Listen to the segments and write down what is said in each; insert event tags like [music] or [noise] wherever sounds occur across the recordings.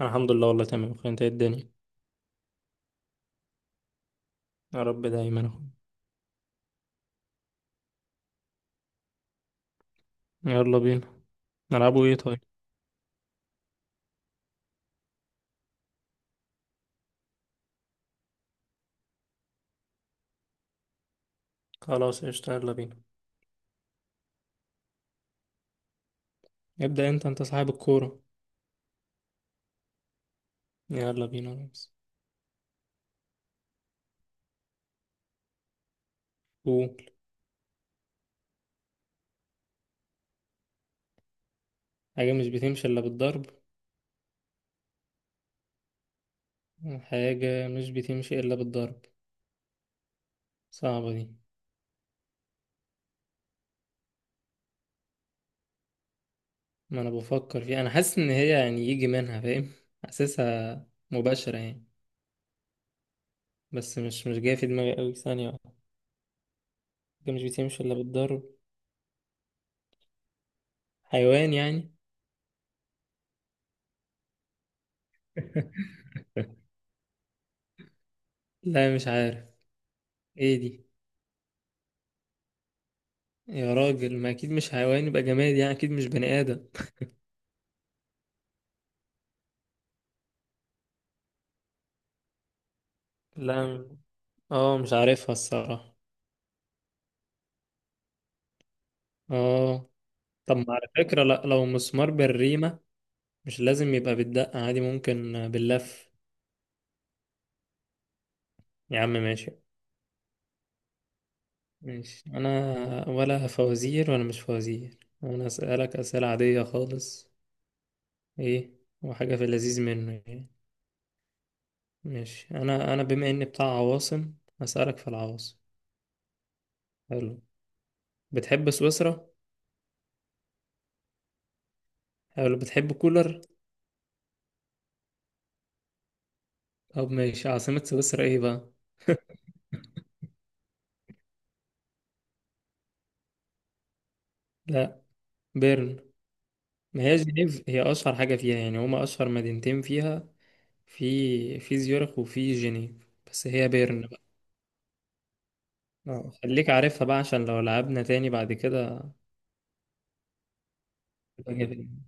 الحمد لله، والله تمام اخويا. انت إيه الدنيا؟ يا رب دايما اخويا. يلا بينا. نلعبوا ايه طيب؟ خلاص قشطة، يلا بينا. ابدأ انت، انت صاحب الكورة. يلا بينا يا ريس. قول. حاجة مش بتمشي الا بالضرب. حاجة مش بتمشي الا بالضرب. صعبة دي. ما انا بفكر فيها، انا حاسس ان هي يعني يجي منها، فاهم؟ حاسسها مباشرة يعني. بس مش جاية في دماغي قوي، ثانية واحدة. حاجة مش بتمشي الا بالضرب. حيوان يعني؟ لا مش عارف. ايه دي؟ يا راجل ما اكيد مش حيوان، يبقى جماد يعني، اكيد مش بني ادم. لا، اه مش عارفها الصراحة. اه، طب ما على فكرة لا، لو مسمار بالريمة مش لازم يبقى بالدقة، عادي ممكن باللف. يا عم ماشي. ماشي انا، ولا فوازير ولا مش فوازير، انا اسألك اسئلة عادية خالص. ايه وحاجة في اللذيذ منه يعني. ماشي انا، انا بما اني بتاع عواصم اسألك في العواصم. حلو، بتحب سويسرا؟ حلو، بتحب كولر؟ طب ماشي، عاصمة سويسرا ايه بقى؟ لا، بيرن. ما هي جنيف هي أشهر حاجة فيها يعني، هما أشهر مدينتين فيها، في زيورخ وفي جنيف، بس هي بيرن بقى. اه خليك عارفها بقى عشان لو لعبنا تاني بعد كده تبقى جامد.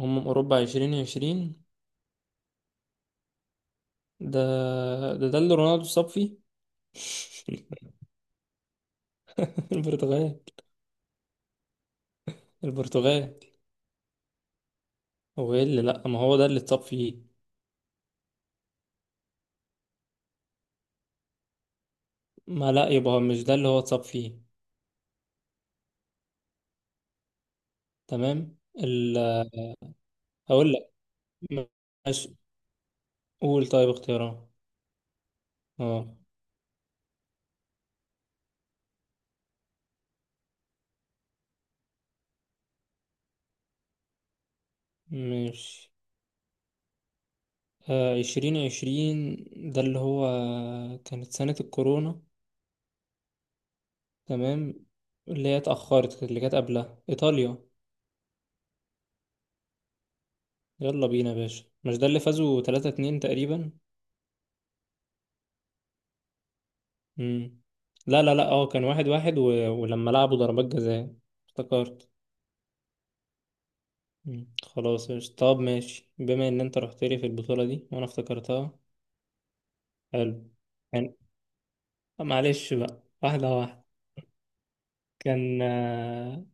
أمم أوروبا عشرين عشرين؟ ده، ده اللي رونالدو اتصاب فيه. [laughs] البرتغال. البرتغال. هو ايه اللي لأ؟ ما هو ده اللي اتصاب فيه. ما لأ، يبقى مش ده اللي هو اتصاب فيه. تمام هقول لك. ماشي. قول طيب اختيارات. اه ماشي. آه عشرين عشرين، ده اللي هو كانت سنة الكورونا. تمام، اللي هي اتأخرت، اللي كانت قبلها إيطاليا. يلا بينا يا باشا. مش ده اللي فازوا تلاتة اتنين تقريبا؟ مم. لا لا لا، اه كان واحد واحد ولما لعبوا ضربات جزاء افتكرت. مم. خلاص يا، طب ماشي بما ان انت رحت لي في البطولة دي وانا افتكرتها، حلو. يعني معلش بقى واحدة واحدة، كان آه،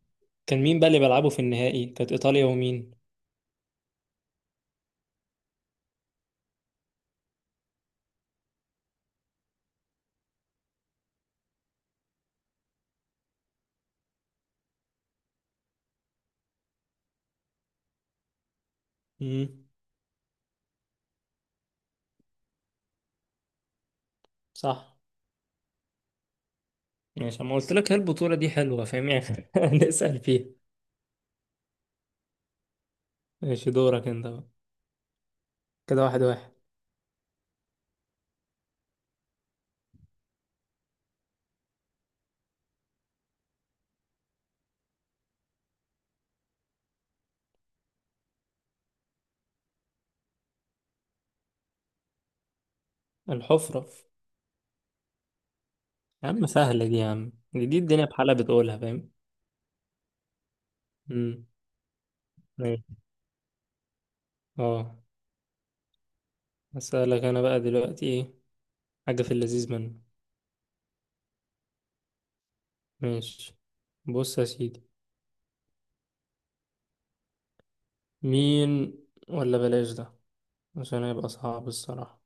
كان مين بقى اللي بيلعبوا في النهائي؟ كانت ايطاليا ومين؟ امم، صح. ماشي، ما قلت لك هي البطولة دي حلوة، فاهم يعني؟ [laughs] نسأل فيها. ماشي، دورك انت بقى. كده واحد واحد. الحفرة. يا عم سهلة دي يا عم، دي الدنيا بحالها بتقولها، فاهم؟ امم. ماشي. اه هسألك انا بقى دلوقتي ايه. حاجة في اللذيذ منه. ماشي، بص يا سيدي. مين؟ ولا بلاش ده، عشان هيبقى صعب الصراحة.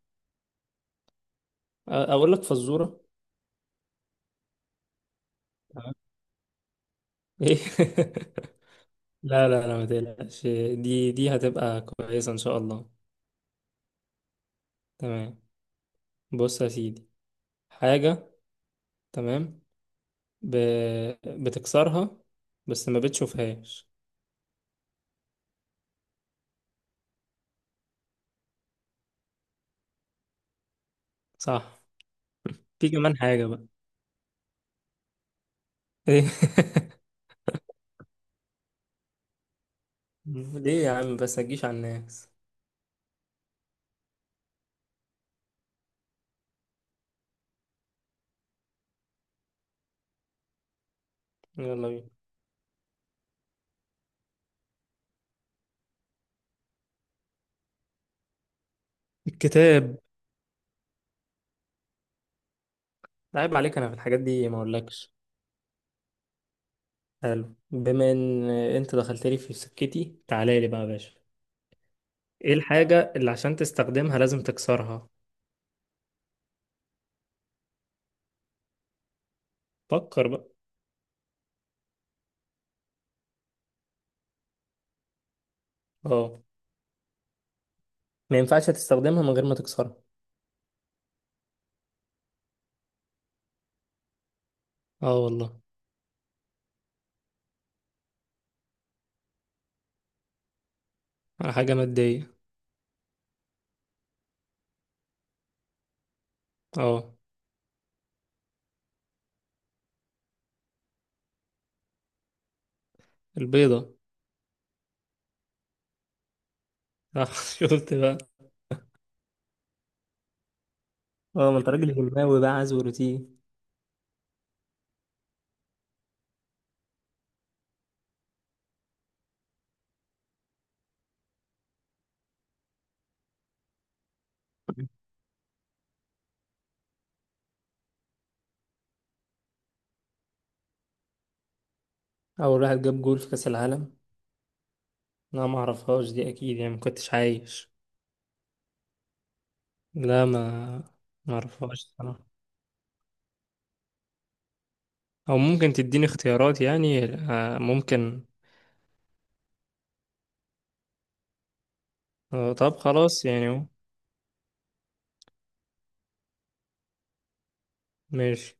اقول لك فزورة. تمام. [laughs] ايه. لا لا لا ما تقلقش، دي هتبقى كويسة إن شاء الله. تمام. بص يا سيدي، حاجة، تمام. ب... بتكسرها بس ما بتشوفهاش. صح، في كمان حاجة بقى. إيه؟ [laughs] ليه يا عم بس، هتجيش على الناس؟ يلا بينا. الكتاب. عيب عليك، أنا في الحاجات دي ما أقولكش. حلو، بما إن أنت دخلت لي في سكتي، تعالى لي بقى يا باشا. إيه الحاجة اللي عشان تستخدمها لازم تكسرها؟ فكر بقى. اه، ما ينفعش تستخدمها من غير ما تكسرها. اه والله. حاجة مادية. اه. البيضة. آه، [laughs] شفت بقى. اه ما انت راجل هلماوي بقى، عايز روتين. أول واحد جاب جول في كأس العالم. لا ما أعرفهاش دي أكيد، يعني ما كنتش عايش. لا ما، ما أعرفهاش الصراحة. أو ممكن تديني اختيارات يعني، ممكن. طب خلاص يعني. ماشي.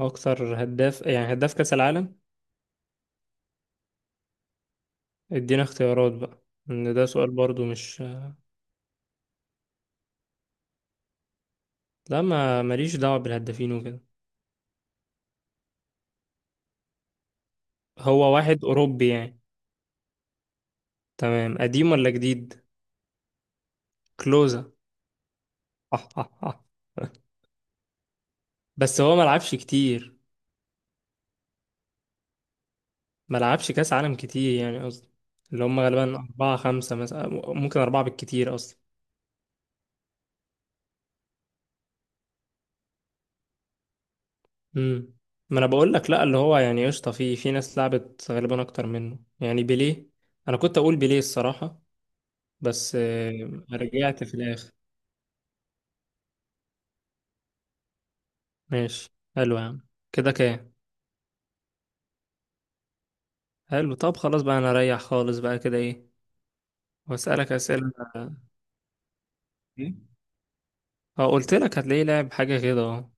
أكتر هداف يعني، هداف كأس العالم. ادينا اختيارات بقى. إن ده سؤال برضو مش. لا، ما ماليش دعوة بالهدافين وكده. هو واحد أوروبي يعني؟ تمام، قديم ولا جديد؟ كلوزا. [laughs] بس هو ملعبش كتير. ملعبش كأس عالم كتير يعني، قصدي اللي هم غالبا أربعة خمسة مثلا. ممكن أربعة بالكتير أصلا. امم. ما أنا بقول لك لأ، اللي هو يعني قشطة، في في ناس لعبت غالبا أكتر منه يعني، بيليه. أنا كنت أقول بيليه الصراحة. بس رجعت في الآخر. ماشي. حلو يا عم، كده كام؟ حلو، طب خلاص بقى أنا أريح خالص بقى كده، إيه؟ وأسألك أسئلة. إيه؟ اه، قلت لك هتلاقيه لعب حاجة كده، اه.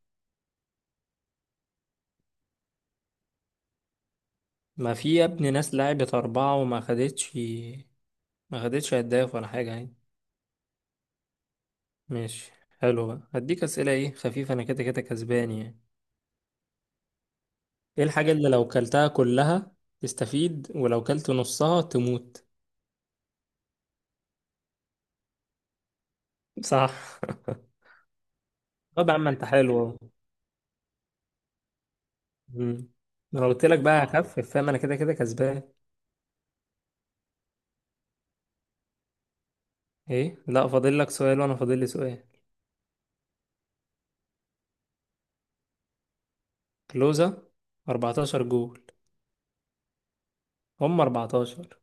ما في يا ابني ناس لعبت أربعة وما خدتش، ما خدتش هداف ولا حاجة يعني. ماشي. حلو بقى، هديك أسئلة ايه خفيفة، أنا كده كده كسبان يعني. ايه الحاجة اللي لو كلتها كلها تستفيد، ولو كلت نصها تموت؟ صح. [laughs] طب يا عم انت حلو اهو. مم. انا قلت لك بقى هخفف، فاهم؟ انا كده كده كسبان. ايه، لا فاضل لك سؤال وانا فاضل لي سؤال. كلوزا، 14 جول. هم 14.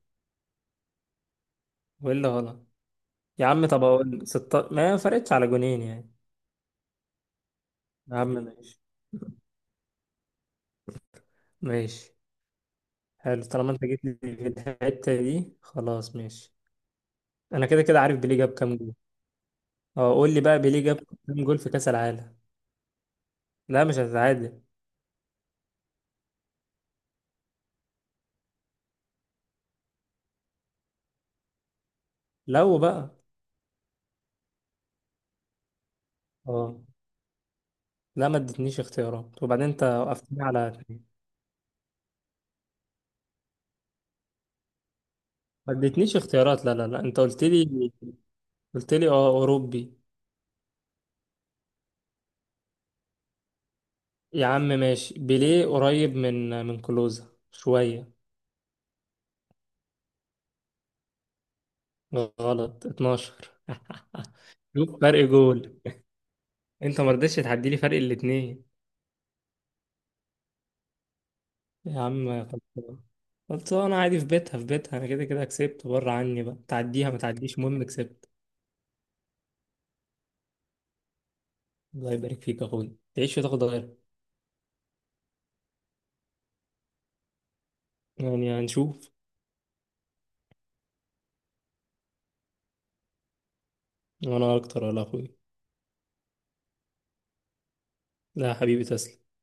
وايه اللي غلط؟ يا عم طب اقول ستة، ما فرقتش على جونين يعني. يا عم ماشي. ماشي. حلو، طالما انت جيت لي في الحتة دي خلاص ماشي. انا كده كده عارف بيليه جاب كام جول. اه قول لي بقى، بيليه جاب كام جول في كأس العالم؟ لا مش هتتعادل. لو بقى. اه، لا ما ادتنيش اختيارات، وبعدين انت وقفتني على اتنين. ما ادتنيش اختيارات، لا لا لا انت قلت لي، قلت لي اه اوروبي. يا عم ماشي. بيليه قريب من كلوزا شوية. غلط، 12. [laughs] شوف فرق جول. انت ما رضيتش تعدي لي فرق الاتنين. يا عم خلصان، خلصان عادي، في بيتها في بيتها، انا كده كده كسبت. بره عني بقى، تعديها ما تعديش، المهم كسبت. الله يبارك فيك يا اخويا، تعيش وتاخد غيرها. يعني هنشوف. وانا اكتر ولا اخويا. لا يا حبيبي، تسلم.